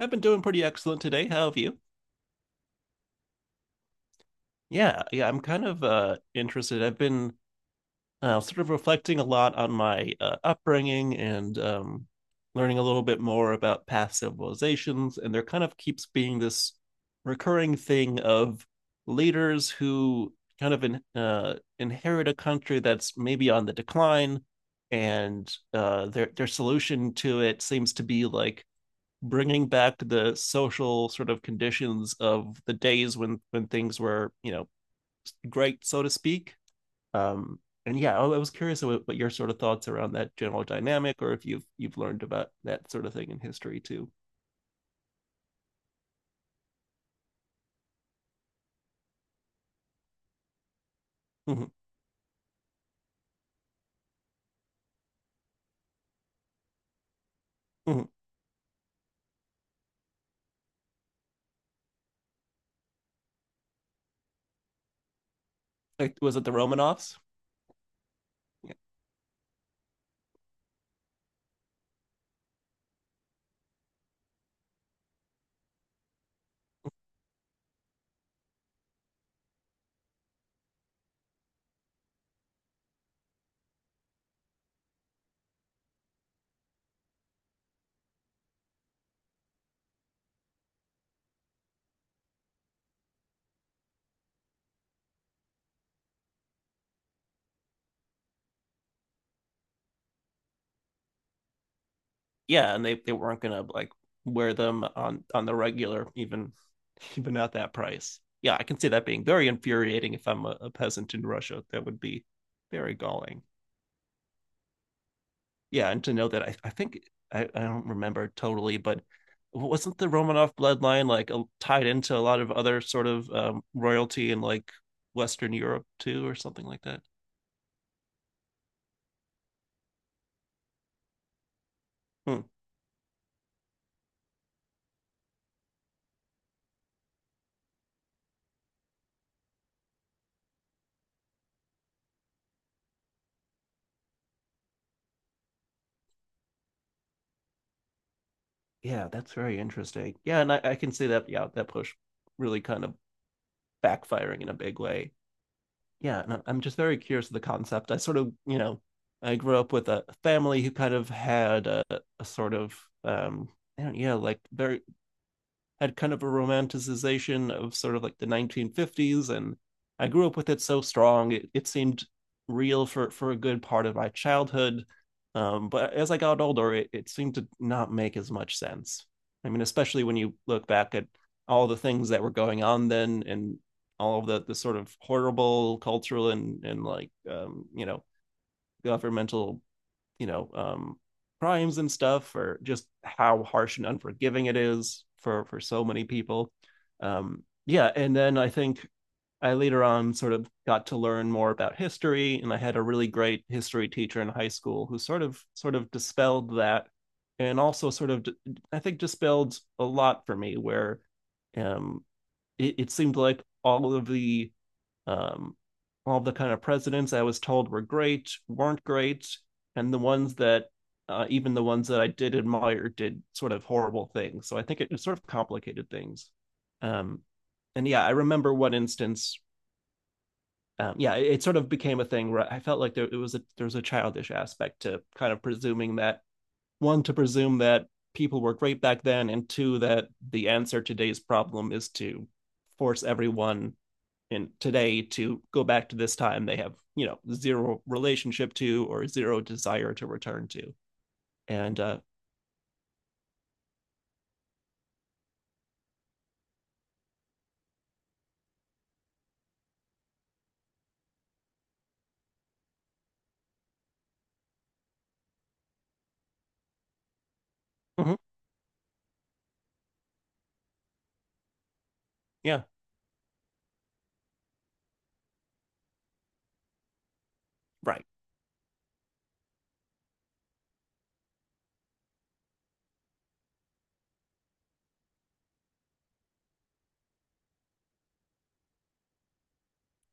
I've been doing pretty excellent today. How have you? Yeah, yeah, I'm kind of interested. I've been sort of reflecting a lot on my upbringing and learning a little bit more about past civilizations, and there kind of keeps being this recurring thing of leaders who inherit a country that's maybe on the decline, and their solution to it seems to be like bringing back the social sort of conditions of the days when things were great, so to speak. Um and yeah i, I was curious about what your sort of thoughts around that general dynamic, or if you've learned about that sort of thing in history too. Mm-hmm. Mm-hmm. Like, was it the Romanovs? Yeah. Yeah, and they weren't gonna like wear them on the regular even even at that price. Yeah, I can see that being very infuriating. If I'm a peasant in Russia, that would be very galling. Yeah, and to know that I think I don't remember totally, but wasn't the Romanov bloodline like tied into a lot of other sort of royalty in like Western Europe too, or something like that? Hmm. Yeah, that's very interesting. Yeah, and I can see that. Yeah, that push really kind of backfiring in a big way. Yeah, and I am just very curious of the concept. I sort of, you know, I grew up with a family who kind of had a sort of, um, I don't, yeah, like very had kind of a romanticization of sort of like the 1950s, and I grew up with it so strong it seemed real for a good part of my childhood. But as I got older it seemed to not make as much sense. I mean, especially when you look back at all the things that were going on then, and all of the sort of horrible cultural and like you know, governmental, you know, crimes and stuff, or just how harsh and unforgiving it is for so many people. Yeah, and then I later on sort of got to learn more about history, and I had a really great history teacher in high school who sort of dispelled that, and also sort of, I think, dispelled a lot for me where, um, it seemed like all of the um, all the kind of presidents I was told were great weren't great, and the ones that even the ones that I did admire did sort of horrible things. So I think it sort of complicated things. Um, and yeah, I remember one instance. Yeah, it sort of became a thing where I felt like there was a childish aspect to kind of presuming that one to presume that people were great back then, and two, that the answer to today's problem is to force everyone and today to go back to this time they have, you know, zero relationship to or zero desire to return to. And Mhm, yeah, right.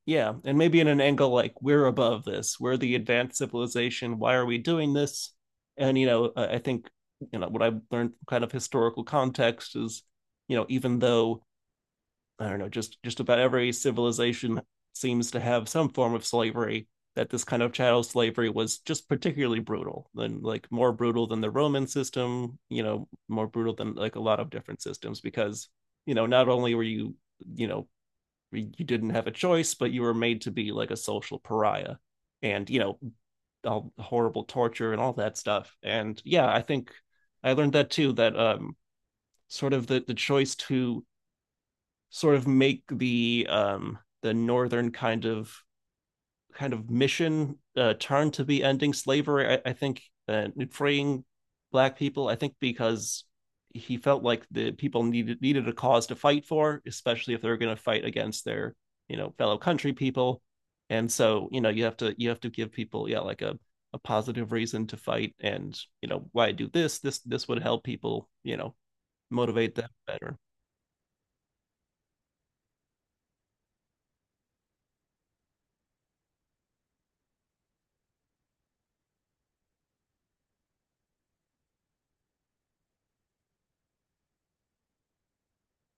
Yeah, and maybe in an angle like, we're above this, we're the advanced civilization, why are we doing this? And you know, I think, you know, what I've learned from kind of historical context is, you know, even though, I don't know, just about every civilization seems to have some form of slavery, that this kind of chattel slavery was just particularly brutal, and like more brutal than the Roman system, you know, more brutal than like a lot of different systems, because, you know, not only were you, you know, you didn't have a choice, but you were made to be like a social pariah, and you know, all horrible torture and all that stuff. And yeah, I think I learned that too. That sort of the choice to sort of make the northern kind of mission turn to be ending slavery. I think, freeing black people. I think because he felt like the people needed a cause to fight for, especially if they are going to fight against their, you know, fellow country people. And so, you know, you have to give people, yeah, like a positive reason to fight. And you know, why do this this would help people, you know, motivate them better.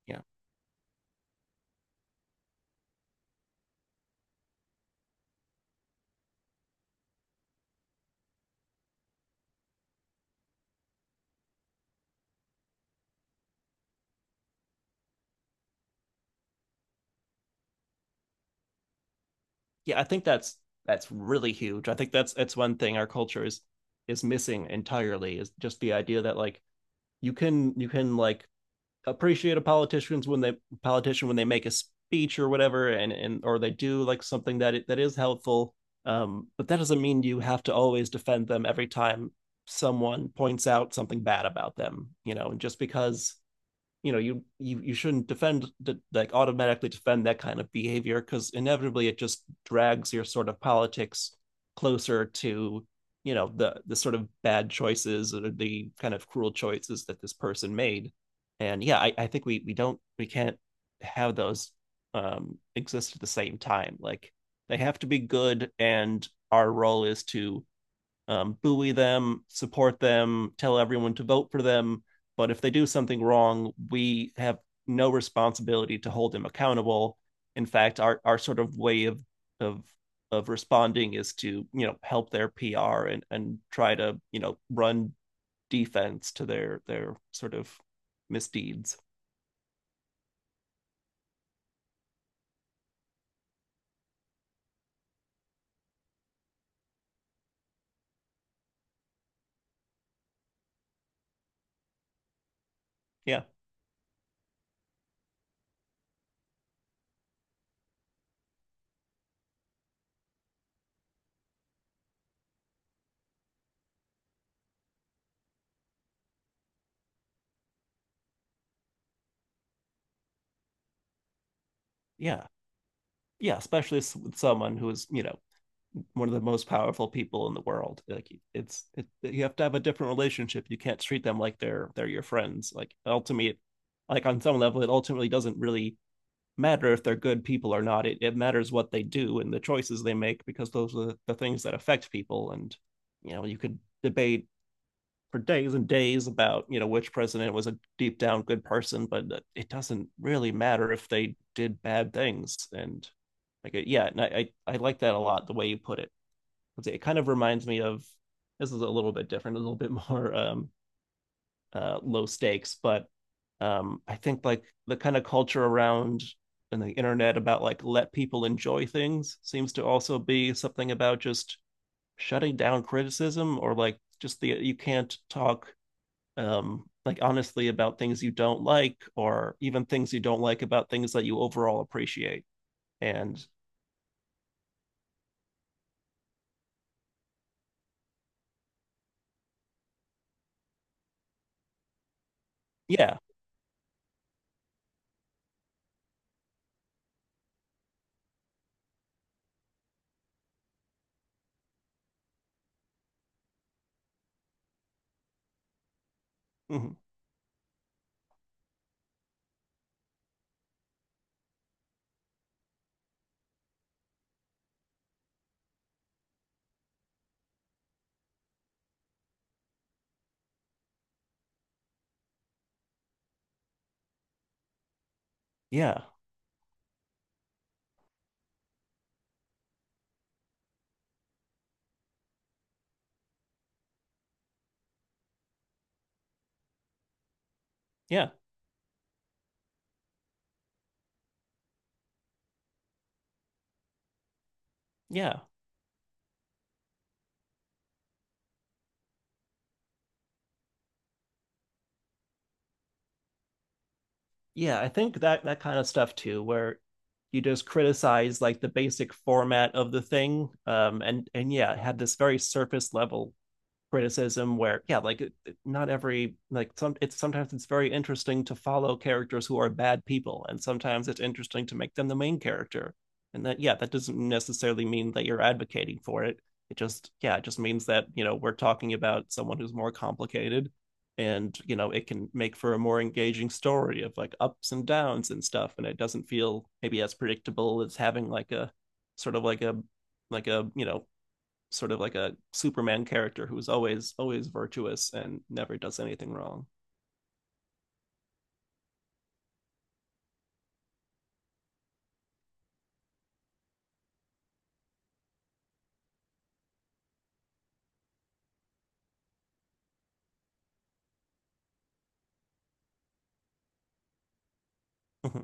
Yeah. Yeah, I think that's really huge. I think that's one thing our culture is missing entirely, is just the idea that like you can like appreciate a politician when they make a speech or whatever, and or they do like something that that is helpful. But that doesn't mean you have to always defend them every time someone points out something bad about them. You know, and just because, you know, you shouldn't defend, like automatically defend, that kind of behavior, because inevitably it just drags your sort of politics closer to, you know, the sort of bad choices or the kind of cruel choices that this person made. And yeah, I think we don't, we can't have those exist at the same time, like they have to be good, and our role is to buoy them, support them, tell everyone to vote for them. But if they do something wrong, we have no responsibility to hold them accountable. In fact, our sort of way of of responding is to, you know, help their PR, and try to, you know, run defense to their sort of misdeeds. Yeah, yeah, yeah. Especially with someone who is, you know, one of the most powerful people in the world. Like you have to have a different relationship. You can't treat them like they're your friends. Like ultimately, like on some level, it ultimately doesn't really matter if they're good people or not. It matters what they do and the choices they make, because those are the things that affect people. And you know, you could debate for days and days about, you know, which president was a deep down good person, but it doesn't really matter if they did bad things. And like yeah, and I like that a lot, the way you put it. Let's see, it kind of reminds me of, this is a little bit different, a little bit more low stakes, but I think like the kind of culture around and the internet about like, let people enjoy things, seems to also be something about just shutting down criticism, or like just the, you can't talk like honestly about things you don't like, or even things you don't like about things that you overall appreciate. And yeah Mhm, yeah, yeah, yeah. Yeah, I think that that kind of stuff too, where you just criticize like the basic format of the thing, and yeah, it had this very surface level criticism where, yeah, like, not every, like some, it's sometimes it's very interesting to follow characters who are bad people, and sometimes it's interesting to make them the main character. And that, yeah, that doesn't necessarily mean that you're advocating for it. It just, yeah, it just means that, you know, we're talking about someone who's more complicated, and you know, it can make for a more engaging story of like ups and downs and stuff, and it doesn't feel maybe as predictable as having like a sort of like a you know, sort of like a Superman character who is always virtuous and never does anything wrong. Mm-hmm.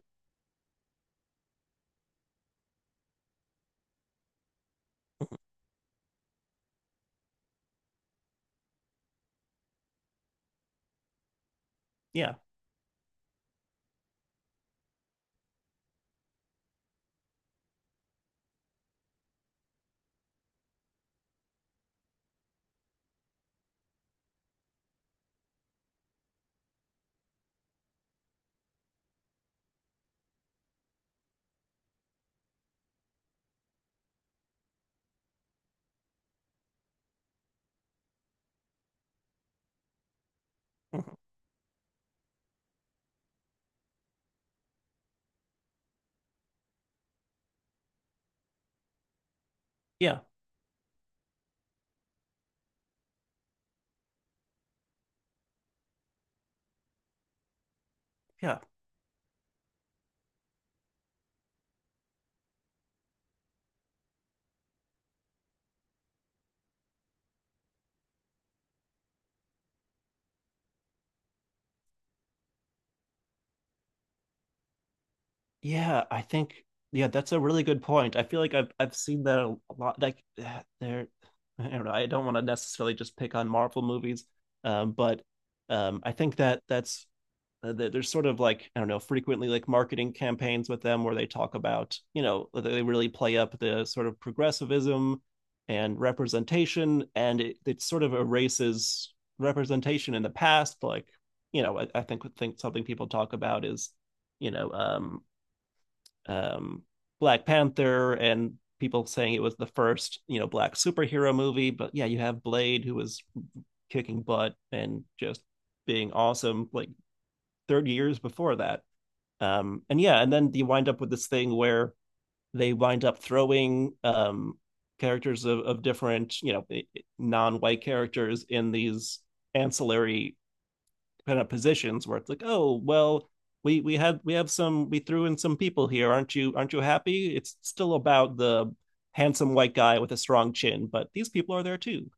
Yeah. Mm-hmm. Yeah, yeah, yeah. I think, yeah, that's a really good point. I feel like I've seen that a lot. Like I don't know. I don't want to necessarily just pick on Marvel movies, but I think that that's, there's sort of like, I don't know, frequently like marketing campaigns with them where they talk about, you know, they really play up the sort of progressivism and representation, and it sort of erases representation in the past. Like, you know, I think something people talk about is, you know, um, Black Panther, and people saying it was the first, you know, black superhero movie, but yeah, you have Blade, who was kicking butt and just being awesome like 30 years before that. And yeah, and then you wind up with this thing where they wind up throwing characters of, different, you know, non-white characters, in these ancillary kind of positions where it's like, oh, well, we have some, we threw in some people here, aren't you, aren't you happy? It's still about the handsome white guy with a strong chin, but these people are there too.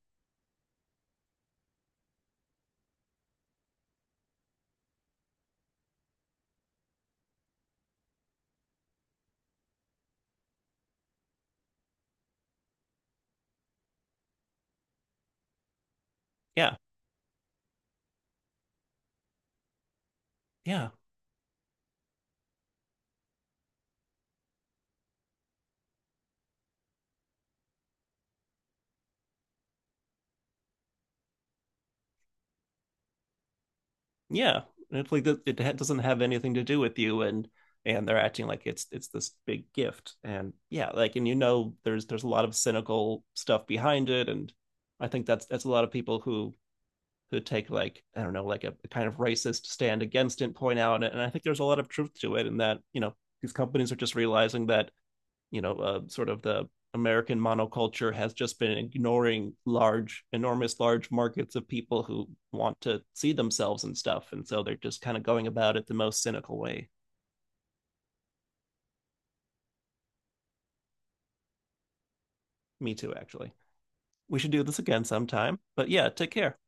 Yeah, yeah. Yeah, it's like that doesn't have anything to do with you, and they're acting like it's this big gift. And yeah, like, and you know, there's a lot of cynical stuff behind it. And I think that's a lot of people who take like, I don't know, like a kind of racist stand against it, point out it. And I think there's a lot of truth to it, in that you know, these companies are just realizing that, you know, sort of the American monoculture has just been ignoring large, enormous, large markets of people who want to see themselves and stuff. And so they're just kind of going about it the most cynical way. Me too, actually. We should do this again sometime. But yeah, take care.